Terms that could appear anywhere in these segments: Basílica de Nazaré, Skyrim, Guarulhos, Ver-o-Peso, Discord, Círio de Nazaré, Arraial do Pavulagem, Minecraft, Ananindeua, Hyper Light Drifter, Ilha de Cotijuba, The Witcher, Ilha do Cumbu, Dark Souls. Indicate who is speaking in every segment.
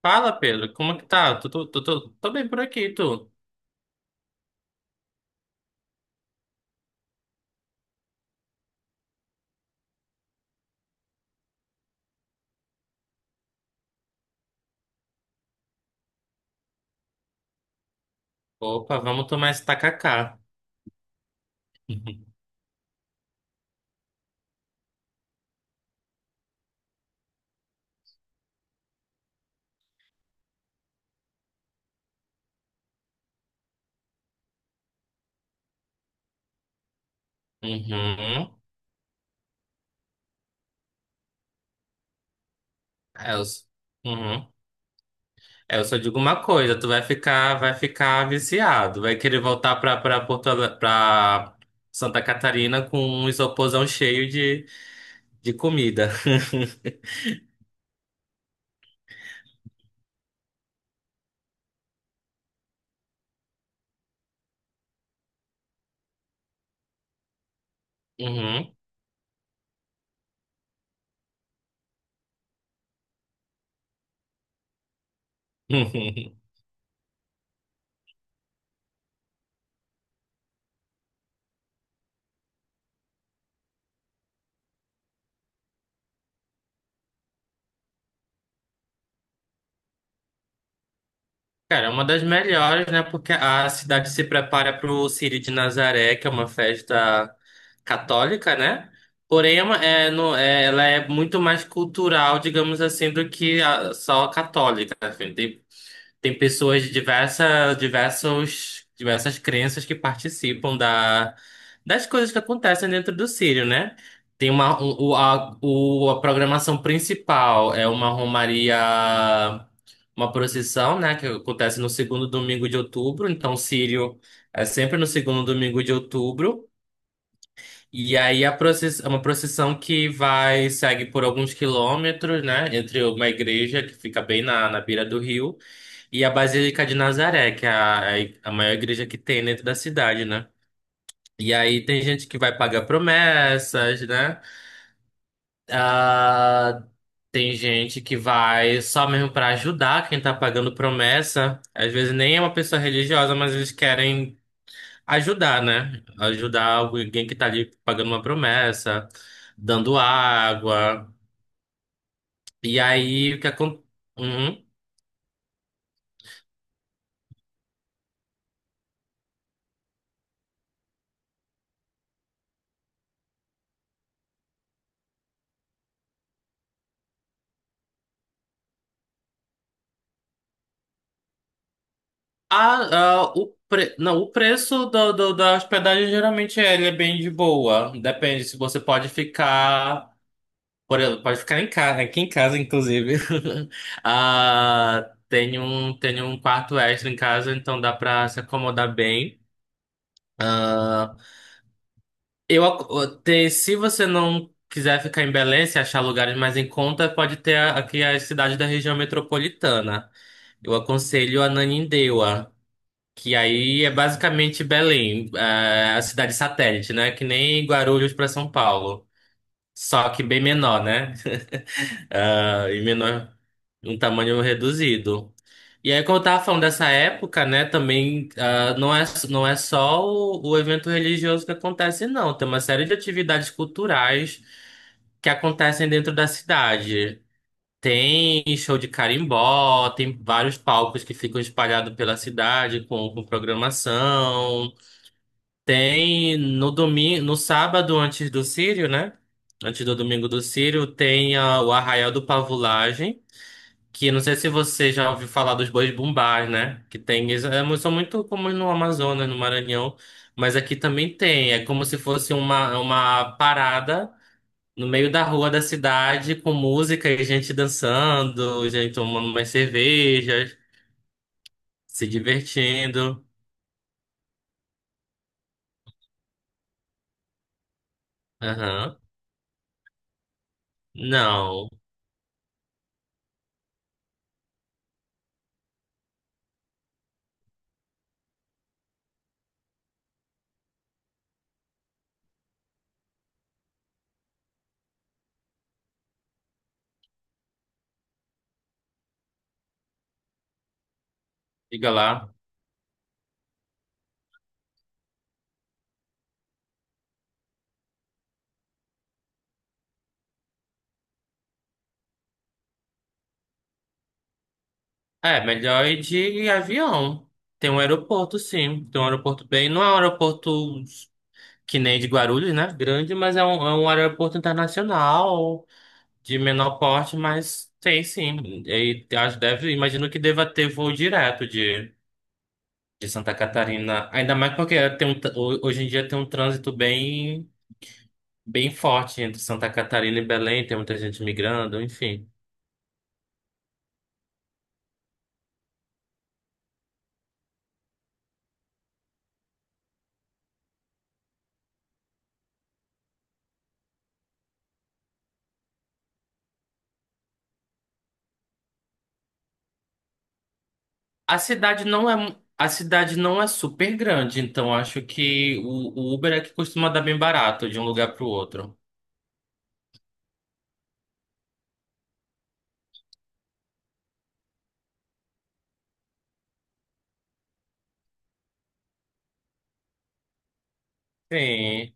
Speaker 1: Fala, Pedro, como é que tá? Tô bem por aqui, tu. Opa, vamos tomar esse tacacá. Uhum. Uhum. É, eu, s- uhum. É, eu só digo uma coisa, tu vai ficar viciado, vai querer voltar pra Santa Catarina com um isoporzão cheio de comida. Uhum. Cara, é uma das melhores, né? Porque a cidade se prepara para o Círio de Nazaré, que é uma festa católica, né? Porém, ela é muito mais cultural, digamos assim, do que só a católica, né? Tem pessoas de diversas crenças que participam das coisas que acontecem dentro do Círio, né? Tem uma, o, a programação principal, é uma romaria, uma procissão, né? Que acontece no segundo domingo de outubro. Então, o Círio é sempre no segundo domingo de outubro. E aí, a procissão, é uma procissão que vai, segue por alguns quilômetros, né? Entre uma igreja que fica bem na beira do rio e a Basílica de Nazaré, que é a maior igreja que tem dentro da cidade, né? E aí tem gente que vai pagar promessas, né? Ah, tem gente que vai só mesmo para ajudar quem tá pagando promessa. Às vezes nem é uma pessoa religiosa, mas eles querem ajudar, né? Ajudar alguém que tá ali pagando uma promessa, dando água. E aí o que acontece? Não, o preço da hospedagem geralmente ele é bem de boa. Depende se você pode ficar. Por exemplo, pode ficar em casa, aqui em casa, inclusive. Ah, tem um quarto extra em casa, então dá pra se acomodar bem. Ah, se você não quiser ficar em Belém, se achar lugares mais em conta, pode ter aqui as cidades da região metropolitana. Eu aconselho a Ananindeua. Que aí é basicamente Belém, a cidade satélite, né? Que nem Guarulhos para São Paulo. Só que bem menor, né? Ah, e menor, um tamanho reduzido. E aí, como eu tava falando dessa época, né? Também, ah, não é só o evento religioso que acontece, não. Tem uma série de atividades culturais que acontecem dentro da cidade. Tem show de carimbó, tem vários palcos que ficam espalhados pela cidade com programação. Tem no domingo, no sábado antes do Círio, né? Antes do domingo do Círio, tem, ah, o Arraial do Pavulagem, que não sei se você já ouviu falar dos bois bumbás, né? Que tem, eles, são muito comuns no Amazonas, no Maranhão, mas aqui também tem. É como se fosse uma parada no meio da rua da cidade com música e gente dançando, gente tomando umas cervejas, se divertindo. Aham. Não, diga lá. É, melhor ir de avião. Tem um aeroporto, sim. Tem um aeroporto bem. Não é um aeroporto que nem de Guarulhos, né? Grande, mas é um aeroporto internacional, de menor porte, mas tem sim. E acho, deve, imagino que deva ter voo direto de Santa Catarina. Ainda mais porque tem um, tr- ho- hoje em dia tem um trânsito bem, bem forte entre Santa Catarina e Belém, tem muita gente migrando, enfim. A cidade não é, a cidade não é super grande, então acho que o Uber é que costuma dar bem barato de um lugar pro outro. Sim.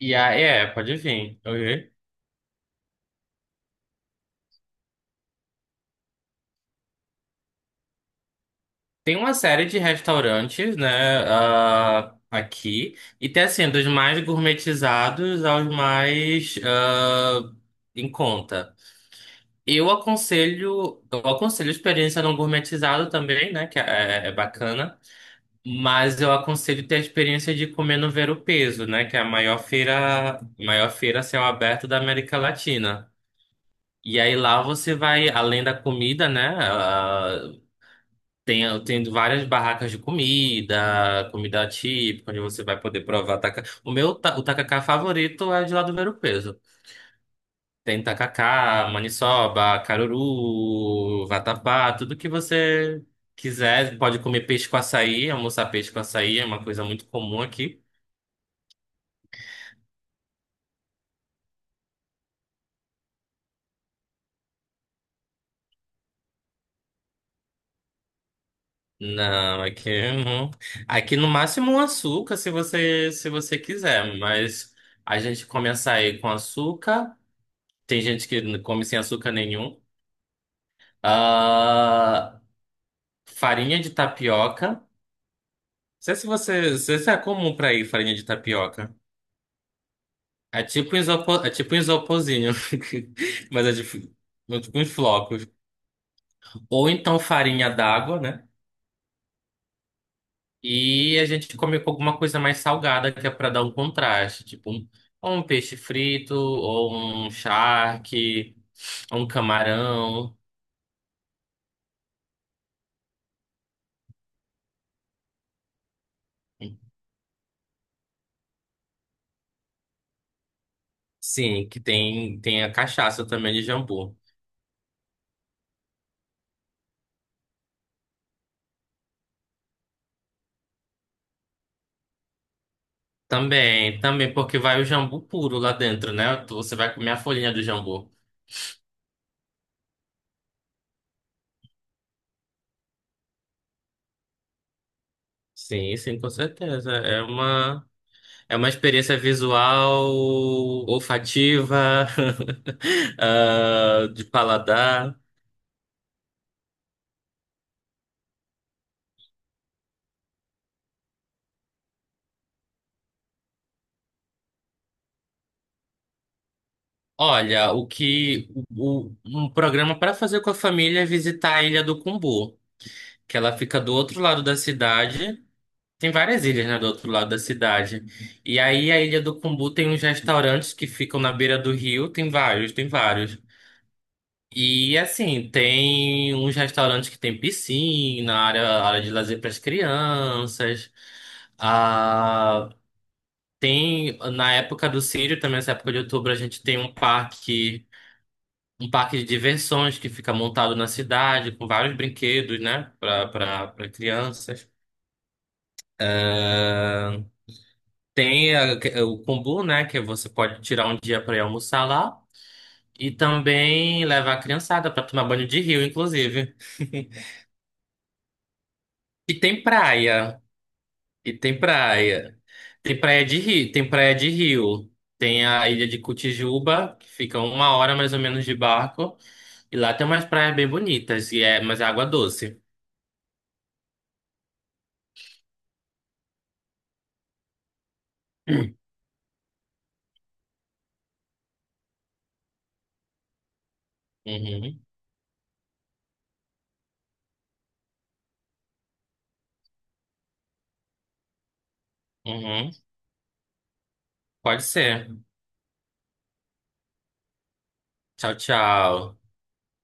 Speaker 1: Pode vir. Uhum. Tem uma série de restaurantes, né, ah, aqui. E tem assim, dos mais gourmetizados aos mais, ah, em conta. Eu aconselho a experiência não gourmetizado também, né, que é bacana. Mas eu aconselho ter a experiência de comer no Ver-o-Peso, né? Que é a maior feira a céu aberto da América Latina. E aí lá você vai, além da comida, né, ah, tem várias barracas de comida, comida típica, onde você vai poder provar tacacá. O tacacá favorito é de lá do Ver-o-Peso. Tem tacacá, maniçoba, caruru, vatapá, tudo que você quiser. Pode comer peixe com açaí, almoçar peixe com açaí, é uma coisa muito comum aqui. Não, não- aqui no máximo um açúcar, se você quiser, mas a gente come açaí com açúcar, tem gente que não come sem açúcar nenhum. Ah, farinha de tapioca. Não sei se isso é comum pra ir farinha de tapioca. É tipo um isoporzinho, mas é, de, é tipo uns flocos. Ou então farinha d'água, né? E a gente come com alguma coisa mais salgada, que é para dar um contraste, ou um peixe frito, ou um charque, ou um camarão. Sim, que tem a cachaça também de jambu. Também, também, porque vai o jambu puro lá dentro, né? Você vai comer a folhinha do jambu. Sim, sim, com certeza. É uma experiência visual, olfativa, ah, de paladar. Olha, o que o- um programa para fazer com a família é visitar a Ilha do Cumbu, que ela fica do outro lado da cidade. Tem várias ilhas, né, do outro lado da cidade. E aí a Ilha do Cumbu tem uns restaurantes que ficam na beira do rio, tem vários, tem vários. E assim, tem uns restaurantes que tem piscina, área de lazer para as crianças. Ah, tem na época do Círio, também nessa época de outubro, a gente tem um parque de diversões que fica montado na cidade, com vários brinquedos, né, para crianças. Ah, tem o kombu, né, que você pode tirar um dia para ir almoçar lá. E também leva a criançada para tomar banho de rio, inclusive. E tem praia. E tem praia. Tem praia de rio, tem praia de rio. Tem a ilha de Cotijuba, que fica uma hora mais ou menos de barco. E lá tem umas praias bem bonitas, mas é água doce. Uhum. Uhum. Pode ser. Tchau, tchau.